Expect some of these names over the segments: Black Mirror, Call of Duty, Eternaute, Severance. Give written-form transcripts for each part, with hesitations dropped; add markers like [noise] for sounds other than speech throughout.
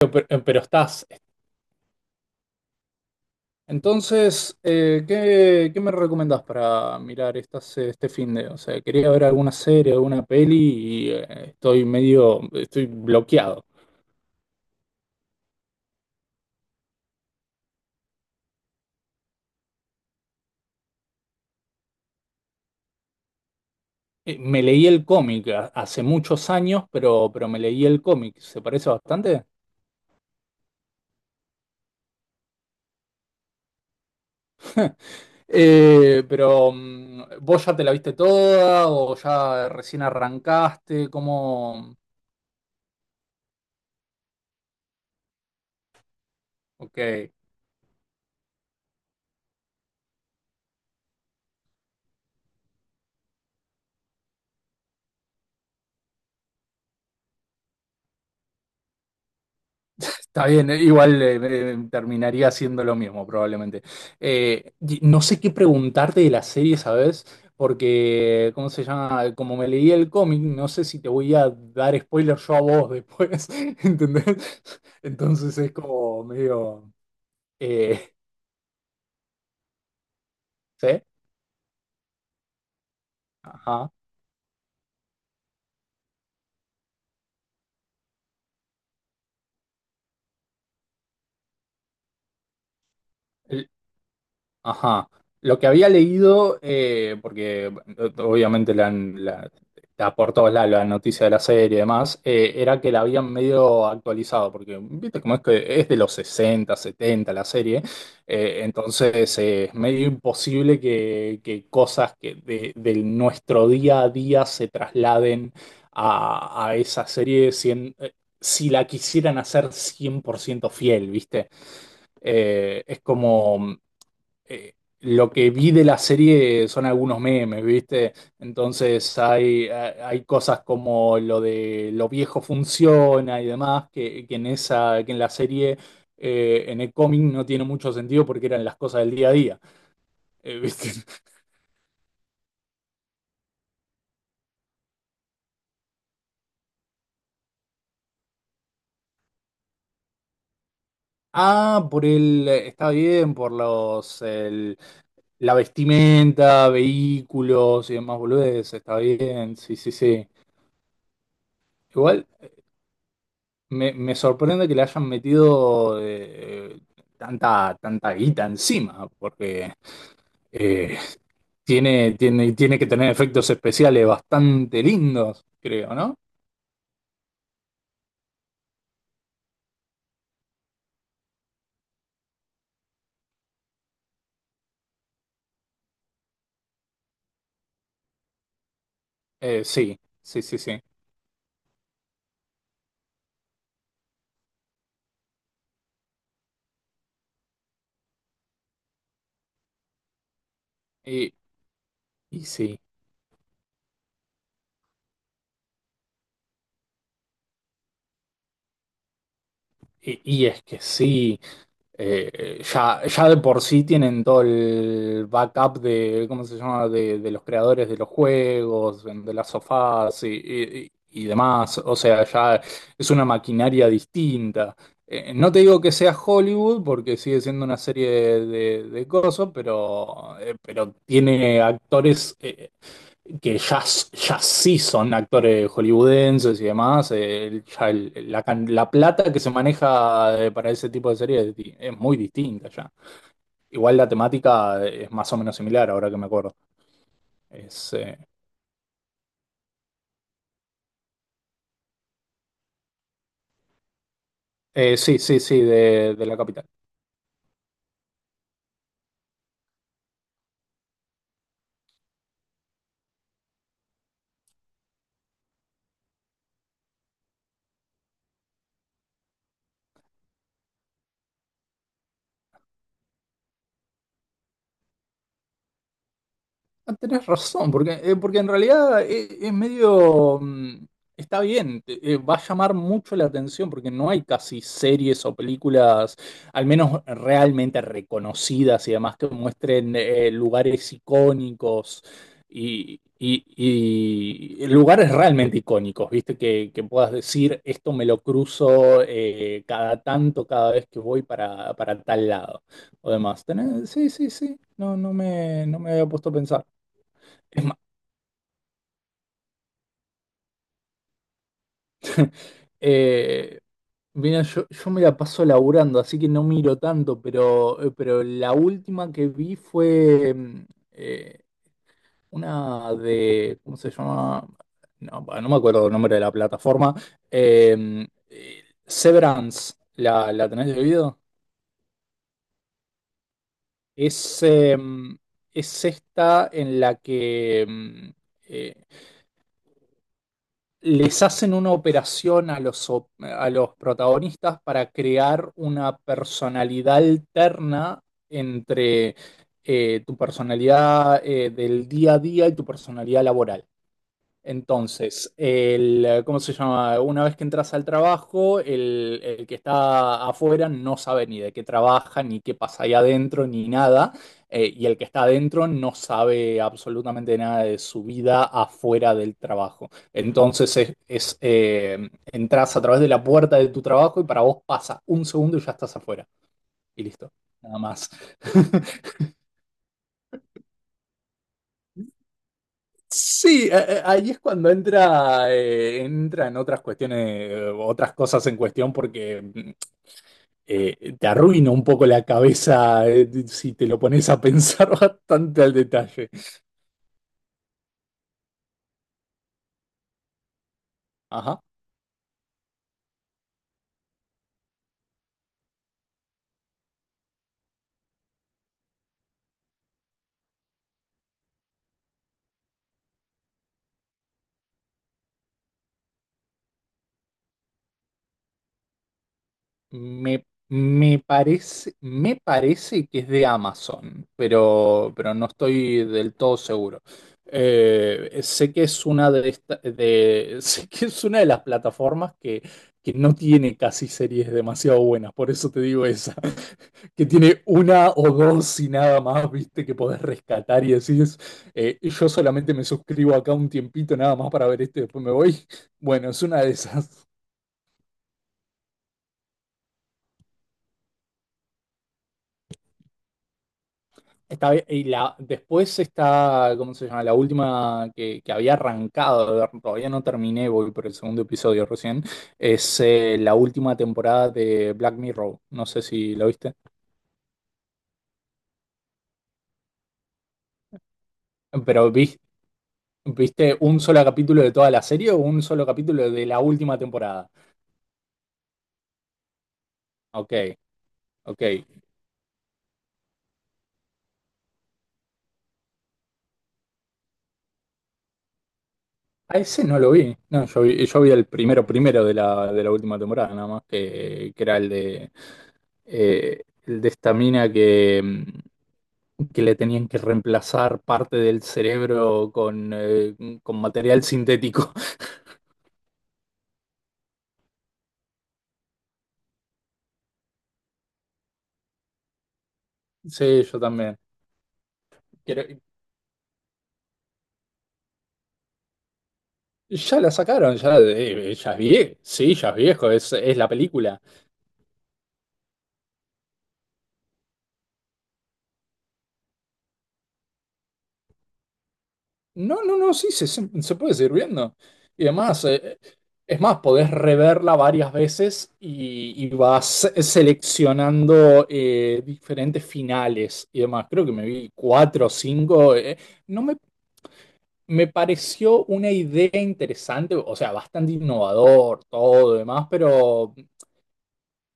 Pero estás. Entonces, ¿qué me recomendás para mirar estas, este fin de? O sea, quería ver alguna serie, alguna peli y estoy medio, estoy bloqueado. Me leí el cómic hace muchos años, pero me leí el cómic. ¿Se parece bastante? [laughs] ¿Vos ya te la viste toda o ya recién arrancaste? ¿Cómo? Ok. Está bien, igual terminaría haciendo lo mismo probablemente. Y no sé qué preguntarte de la serie, ¿sabes? Porque, ¿cómo se llama? Como me leí el cómic, no sé si te voy a dar spoiler yo a vos después, [laughs] ¿entendés? Entonces es como medio... eh, ¿sí? Ajá. Ajá. Lo que había leído, porque obviamente está por todos lados la noticia de la serie y demás, era que la habían medio actualizado, porque viste cómo es que es de los 60, 70 la serie, entonces es medio imposible que cosas que de nuestro día a día se trasladen a esa serie si la quisieran hacer 100% fiel, ¿viste? Es como eh, lo que vi de la serie son algunos memes, ¿viste? Entonces hay cosas como lo de lo viejo funciona y demás, que en esa, que en la serie, en el cómic no tiene mucho sentido porque eran las cosas del día a día, ¿viste? [laughs] Ah, está bien, por la vestimenta, vehículos y demás boludeces, está bien, sí, sí, sí. Igual. Me sorprende que le hayan metido tanta guita encima, porque eh, tiene que tener efectos especiales bastante lindos, creo, ¿no? Sí, sí, sí, sí. Y, y sí, y es que sí. Ya ya, de por sí tienen todo el backup de, ¿cómo se llama?, de los creadores de los juegos, de las sofás y, y demás. O sea, ya es una maquinaria distinta. No te digo que sea Hollywood, porque sigue siendo una serie de cosas, pero tiene actores. Que ya, ya sí son actores hollywoodenses y demás, la plata que se maneja para ese tipo de series es, es muy distinta ya. Igual la temática es más o menos similar, ahora que me acuerdo. Es, eh, sí, sí, sí, de la capital. Ah, tenés razón, porque, porque en realidad es medio... Está bien, va a llamar mucho la atención porque no hay casi series o películas, al menos realmente reconocidas y demás, que muestren lugares icónicos y, y- y lugares realmente icónicos, ¿viste? Que puedas decir, esto me lo cruzo cada tanto, cada vez que voy para tal lado o demás. Tenés- Sí, sí, sí, no, no me, no me había puesto a pensar. Es ma- eh, Mira, yo me la paso laburando, así que no miro tanto, pero la última que vi fue eh, una de, ¿cómo se llama? No, pa, no me acuerdo el nombre de la plataforma. Severance, ¿la tenés de oído? Es, eh, es esta en la que eh, les hacen una operación a los, a los protagonistas para crear una personalidad alterna entre tu personalidad del día a día y tu personalidad laboral. Entonces, ¿cómo se llama? Una vez que entras al trabajo, el que está afuera no sabe ni de qué trabaja, ni qué pasa ahí adentro, ni nada. Y el que está adentro no sabe absolutamente nada de su vida afuera del trabajo. Entonces, entras a través de la puerta de tu trabajo y para vos pasa un segundo y ya estás afuera. Y listo, nada más. [laughs] Sí, ahí es cuando entra, entra en otras cuestiones, otras cosas en cuestión, porque te arruina un poco la cabeza si te lo pones a pensar [laughs] bastante al detalle. Ajá. Me parece, me parece que es de Amazon, pero no estoy del todo seguro. Sé que es una de [laughs] sé que es una de las plataformas que no tiene casi series demasiado buenas, por eso te digo esa, [laughs] que tiene una o dos y nada más, viste, que podés rescatar y decís, yo solamente me suscribo acá un tiempito nada más para ver esto y después me voy. [laughs] Bueno, es una de esas. Está bien, y la, después está, ¿cómo se llama? La última que había arrancado, de ver, todavía no terminé, voy por el segundo episodio recién, es la última temporada de Black Mirror. No sé si lo viste, pero vi- ¿viste un solo capítulo de toda la serie o un solo capítulo de la última temporada? Ok, ok. A ese no lo vi. No, yo vi el primero primero de de la última temporada, nada más, que era el de esta mina que, que le tenían que reemplazar parte del cerebro con material sintético. [laughs] Sí, yo también. Quiero- ya la sacaron, ya, ya es viejo, sí, ya es viejo, es la película. No, no, no, sí, se puede seguir viendo. Y además, es más, podés reverla varias veces y vas seleccionando diferentes finales y demás. Creo que me vi cuatro o cinco. No me, me pareció una idea interesante, o sea, bastante innovador, todo demás,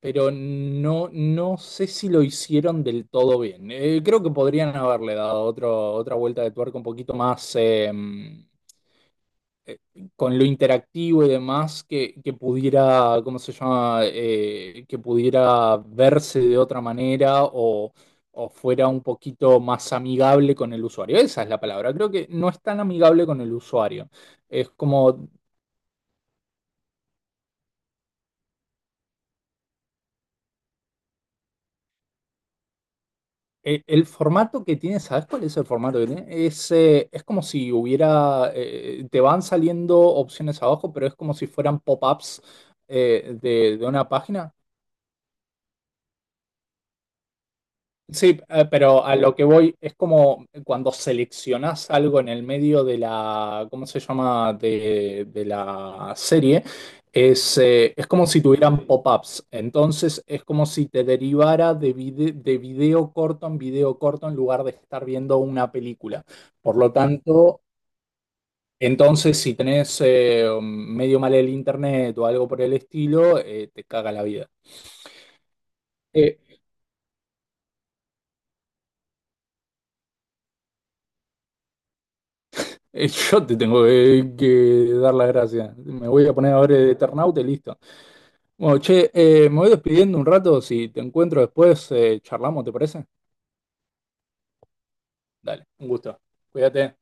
pero no, no sé si lo hicieron del todo bien. Creo que podrían haberle dado otro, otra vuelta de tuerca un poquito más. Con lo interactivo y demás, que pudiera, ¿cómo se llama? Que pudiera verse de otra manera o fuera un poquito más amigable con el usuario. Esa es la palabra. Creo que no es tan amigable con el usuario. Es como el formato que tiene, ¿sabes cuál es el formato que tiene? Es como si hubiera, te van saliendo opciones abajo, pero es como si fueran pop-ups. De una página. Sí, pero a lo que voy es como cuando seleccionás algo en el medio de la, ¿cómo se llama? De la serie, es como si tuvieran pop-ups. Entonces es como si te derivara de, de video corto en lugar de estar viendo una película. Por lo tanto, entonces si tenés medio mal el internet o algo por el estilo, te caga la vida. Eh, [laughs] Yo te tengo que dar las gracias. Me voy a poner a ver Eternaute y listo. Bueno, che, me voy despidiendo un rato. Si te encuentro después, charlamos, ¿te parece? Dale, un gusto. Cuídate.